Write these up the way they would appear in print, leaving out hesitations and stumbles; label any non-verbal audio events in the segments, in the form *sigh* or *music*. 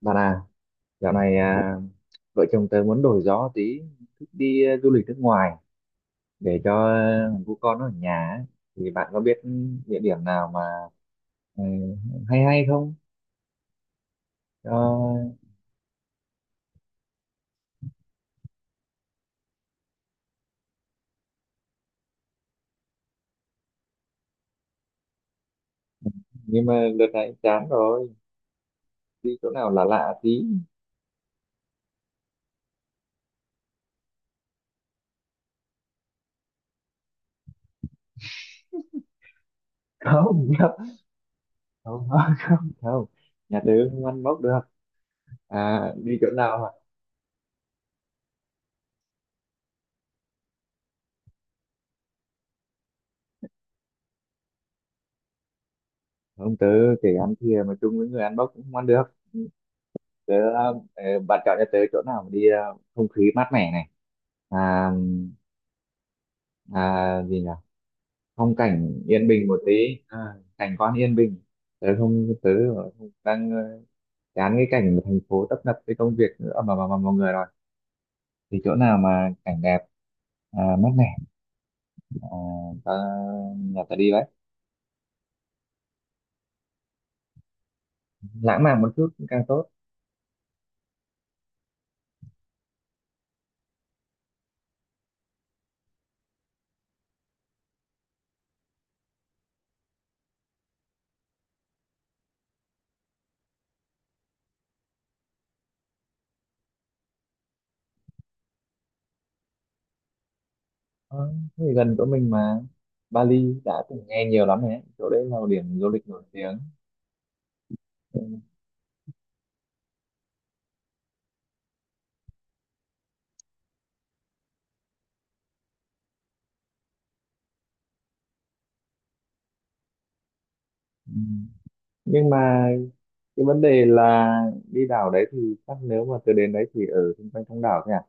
Bạn à, dạo này vợ chồng tớ muốn đổi gió tí, thích đi du lịch nước ngoài để cho thằng cu con nó ở nhà ấy. Thì bạn có biết địa điểm nào mà ừ, hay hay không? Cho- nhưng mà đợt này chán rồi, đi chỗ nào lạ lạ tí. Không, *laughs* không, không, không. Nhà tớ không ăn bốc được. À, đi chỗ nào à? Không, tớ kể ăn thìa mà chung với người ăn bốc cũng không ăn được. Tớ, bạn chọn cho tớ chỗ nào mà đi không khí mát mẻ này. À, gì nhỉ, phong cảnh yên bình một tí, à, cảnh quan yên bình. Tớ không- đang ờ, Chán cái cảnh thành phố tấp nập với công việc nữa mà mọi người rồi thì chỗ nào mà cảnh đẹp, mát mẻ, à, ta, nhà ta đi đấy, lãng mạn một chút cũng càng tốt. Ờ, thế thì gần chỗ mình mà. Bali đã từng nghe nhiều lắm rồi, đấy chỗ đấy là một điểm du lịch nổi tiếng. Ừ, nhưng mà cái vấn đề là đi đảo đấy thì chắc nếu mà tớ đến đấy thì ở xung quanh trong đảo thôi à?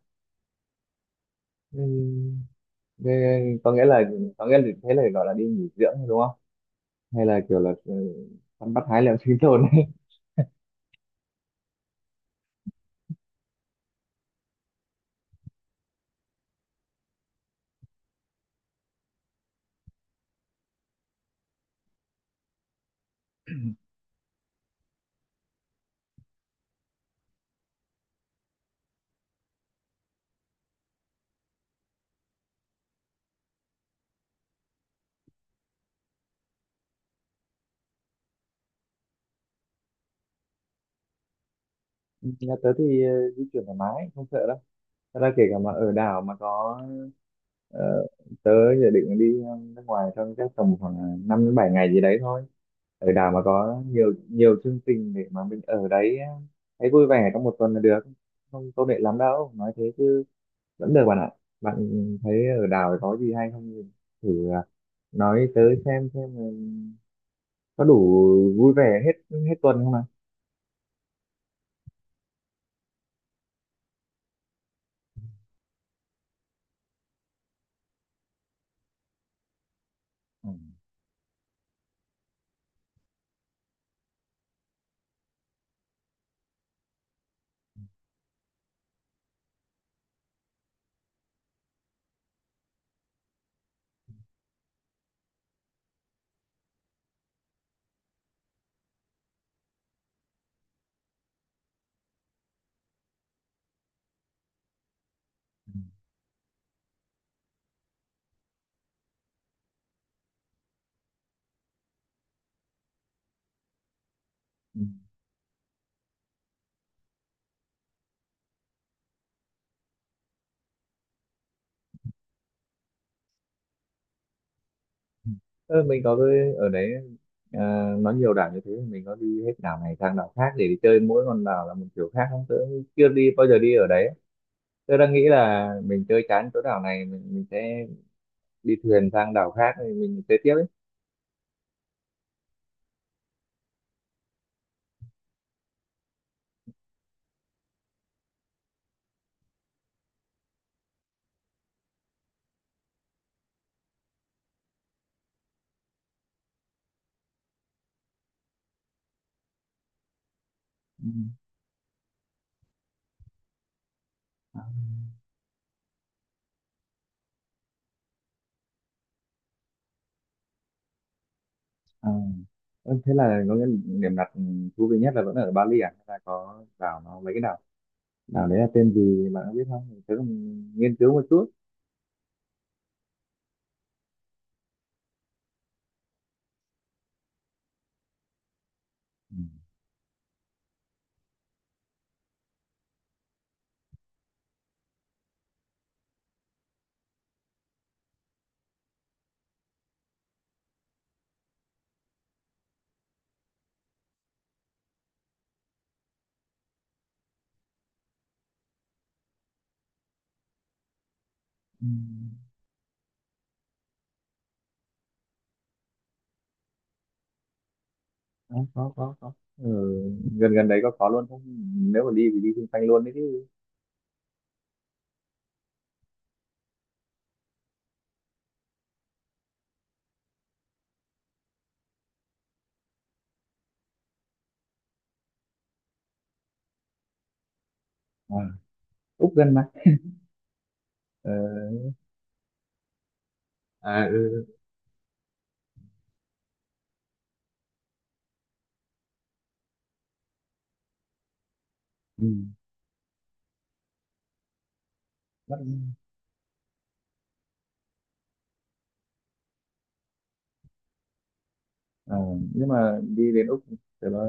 Ừ. Thế có nghĩa là, có nghĩa là thế là gọi là đi nghỉ dưỡng đúng không? Hay là kiểu là săn bắt hái lượm sinh tồn ấy. *laughs* Nhà tớ thì di chuyển thoải mái, không sợ đâu. Thật ra kể cả mà ở đảo mà có ờ, tớ dự định đi nước ngoài trong các tầm khoảng 5 đến 7 ngày gì đấy thôi. Ở đảo mà có nhiều nhiều chương trình để mà mình ở đấy thấy vui vẻ trong 1 tuần là được. Không công nghệ lắm đâu, nói thế chứ vẫn được bạn ạ. Bạn thấy ở đảo có gì hay không? Thì thử nói tới xem có đủ vui vẻ hết hết tuần không ạ? Ừ. Ừ. Ừ, mình có cái ở đấy, à, nó nhiều đảo như thế mình có đi hết đảo này sang đảo khác để đi chơi, mỗi con đảo là một kiểu khác không? Tớ chưa đi bao giờ, đi ở đấy tớ đang nghĩ là mình chơi chán chỗ đảo này mình sẽ đi thuyền sang đảo khác thì mình chơi tiếp ấy. Ừ. À, ừ, thế là có cái điểm đặt thú vị nhất là vẫn ở Bali, à hay là có đảo, nó mấy cái đảo, đảo đấy là tên gì bạn có biết không, tớ cũng nghiên cứu một chút. Ừ. Ừ. Có có, ừ, gần gần đấy có luôn không, nếu mà đi thì đi xung quanh luôn đấy chứ. À, Úc gần mà. Ờ. À ừ. Ừ. Bắc- ờ, nhưng mà đi đến Úc thì nó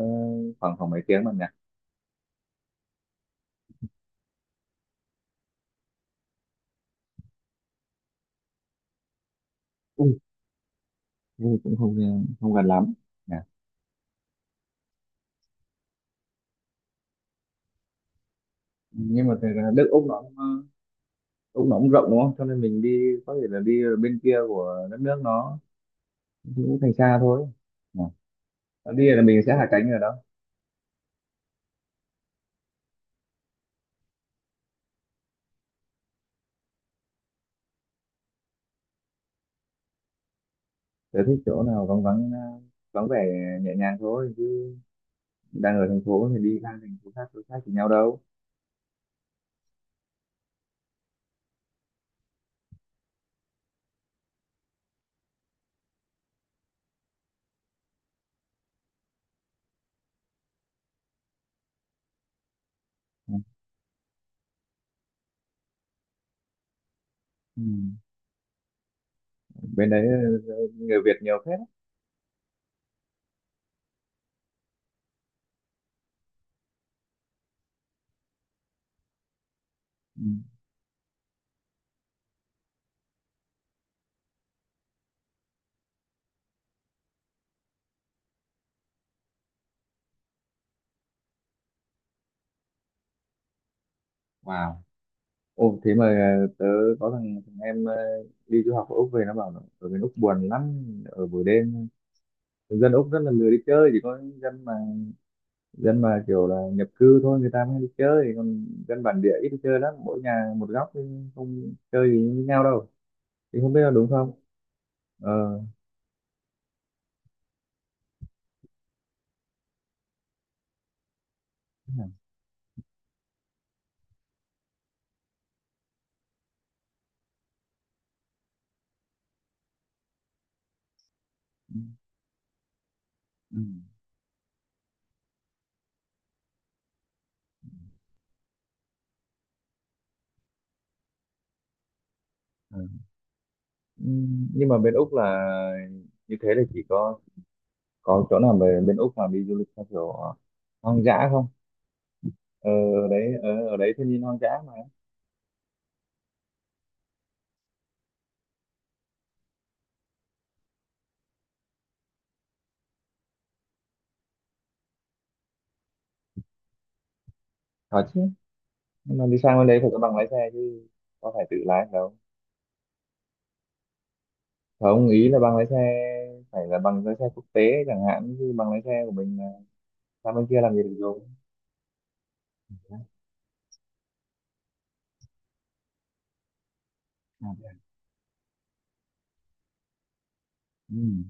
khoảng khoảng mấy tiếng mà nhỉ? Ui, thế thì cũng không không gần lắm nhỉ. Nhưng mà thật ra nước Úc nó cũng, Úc nó cũng rộng đúng không, cho nên mình đi có thể là đi ở bên kia của đất nước nó cũng thành xa thôi nhỉ? Đi là mình sẽ hạ cánh ở đó. Tớ thích chỗ nào vắng vắng, vắng vẻ, nhẹ nhàng thôi. Đang ở thành phố thì đi sang thành phố khác đối khác thì nhau đâu. Ừ. Ừ. Bên đấy người Việt nhiều phết á. Ừ. Wow. Ô thế mà tớ có thằng em đi du học ở Úc về nó bảo là ở bên Úc buồn lắm ở buổi đêm, dân Úc rất là lười đi chơi, chỉ có dân mà kiểu là nhập cư thôi người ta mới đi chơi, còn dân bản địa ít đi chơi lắm, mỗi nhà một góc chứ không chơi gì với nhau đâu, thì không biết là đúng không. Ờ. Thế hả? Ừ. Ừ. Nhưng mà bên Úc là như thế là chỉ có chỗ nào về bên Úc mà đi du lịch theo kiểu hoang dã không? Ờ, ở đấy, ở đấy thiên nhiên hoang dã mà. Có chứ, nhưng mà đi sang bên đấy phải có bằng lái xe chứ, có phải tự lái đâu. Không, ý là bằng lái xe phải là bằng lái xe quốc tế chẳng hạn, chứ bằng lái xe của mình là sang bên kia làm gì được rồi. À, thế à? Ừm.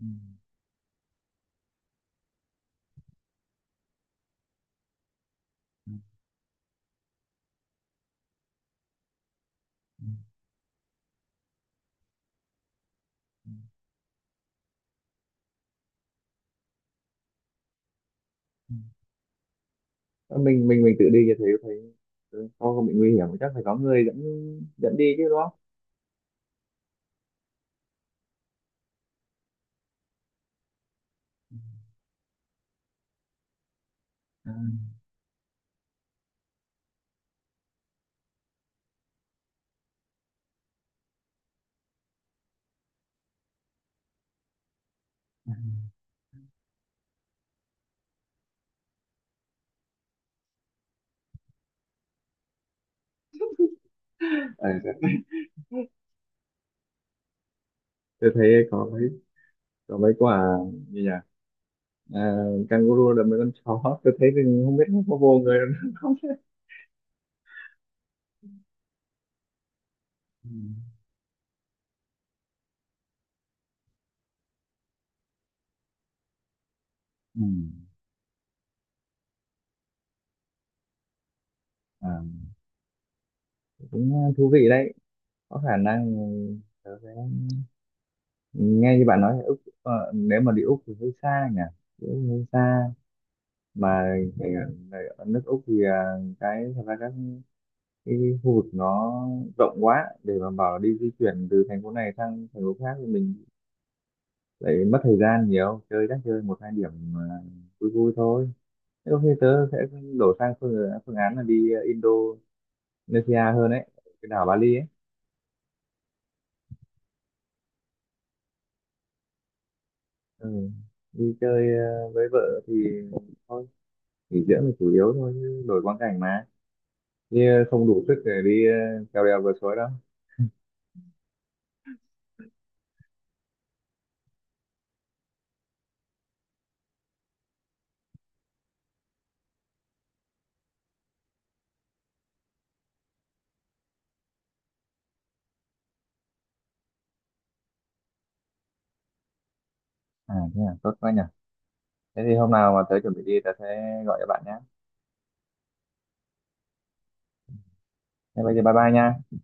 Ừm. Ừm. Ừm. Ờ, mình tự đi như thế thấy không không bị nguy hiểm, chắc phải có người dẫn dẫn đi chứ đúng không? Ừ. Ờ, tôi thấy có. Còn mấy quả như nhà, à, kangaroo là mấy con chó *laughs* tôi thấy thì không biết nó có vô người nó không. Ừ. Ừ. À, cũng thú vị đấy, có khả năng tớ sẽ, nghe như bạn nói là Úc, nếu mà đi Úc thì hơi xa nhỉ, đi Úc hơi xa mà. cái- cái ở nước Úc thì, à, cái thật ra các cái khu vực nó rộng quá để mà bảo là đi di chuyển từ thành phố này sang thành phố khác thì mình lại mất thời gian nhiều chơi, chắc chơi một hai điểm, à, vui vui thôi. Thế ok, tớ sẽ đổ sang phương án là đi Indonesia hơn ấy, cái đảo Bali ấy. Ừ. Đi chơi với vợ thì thôi, nghỉ dưỡng là chủ yếu thôi, chứ đổi quang cảnh mà. Đi không đủ sức để đi trèo đèo vượt suối đâu. À, thế à, tốt quá nhỉ. Thế thì hôm nào mà tớ chuẩn bị đi, tớ sẽ gọi cho bạn nhé. Thế bây giờ bye bye nha.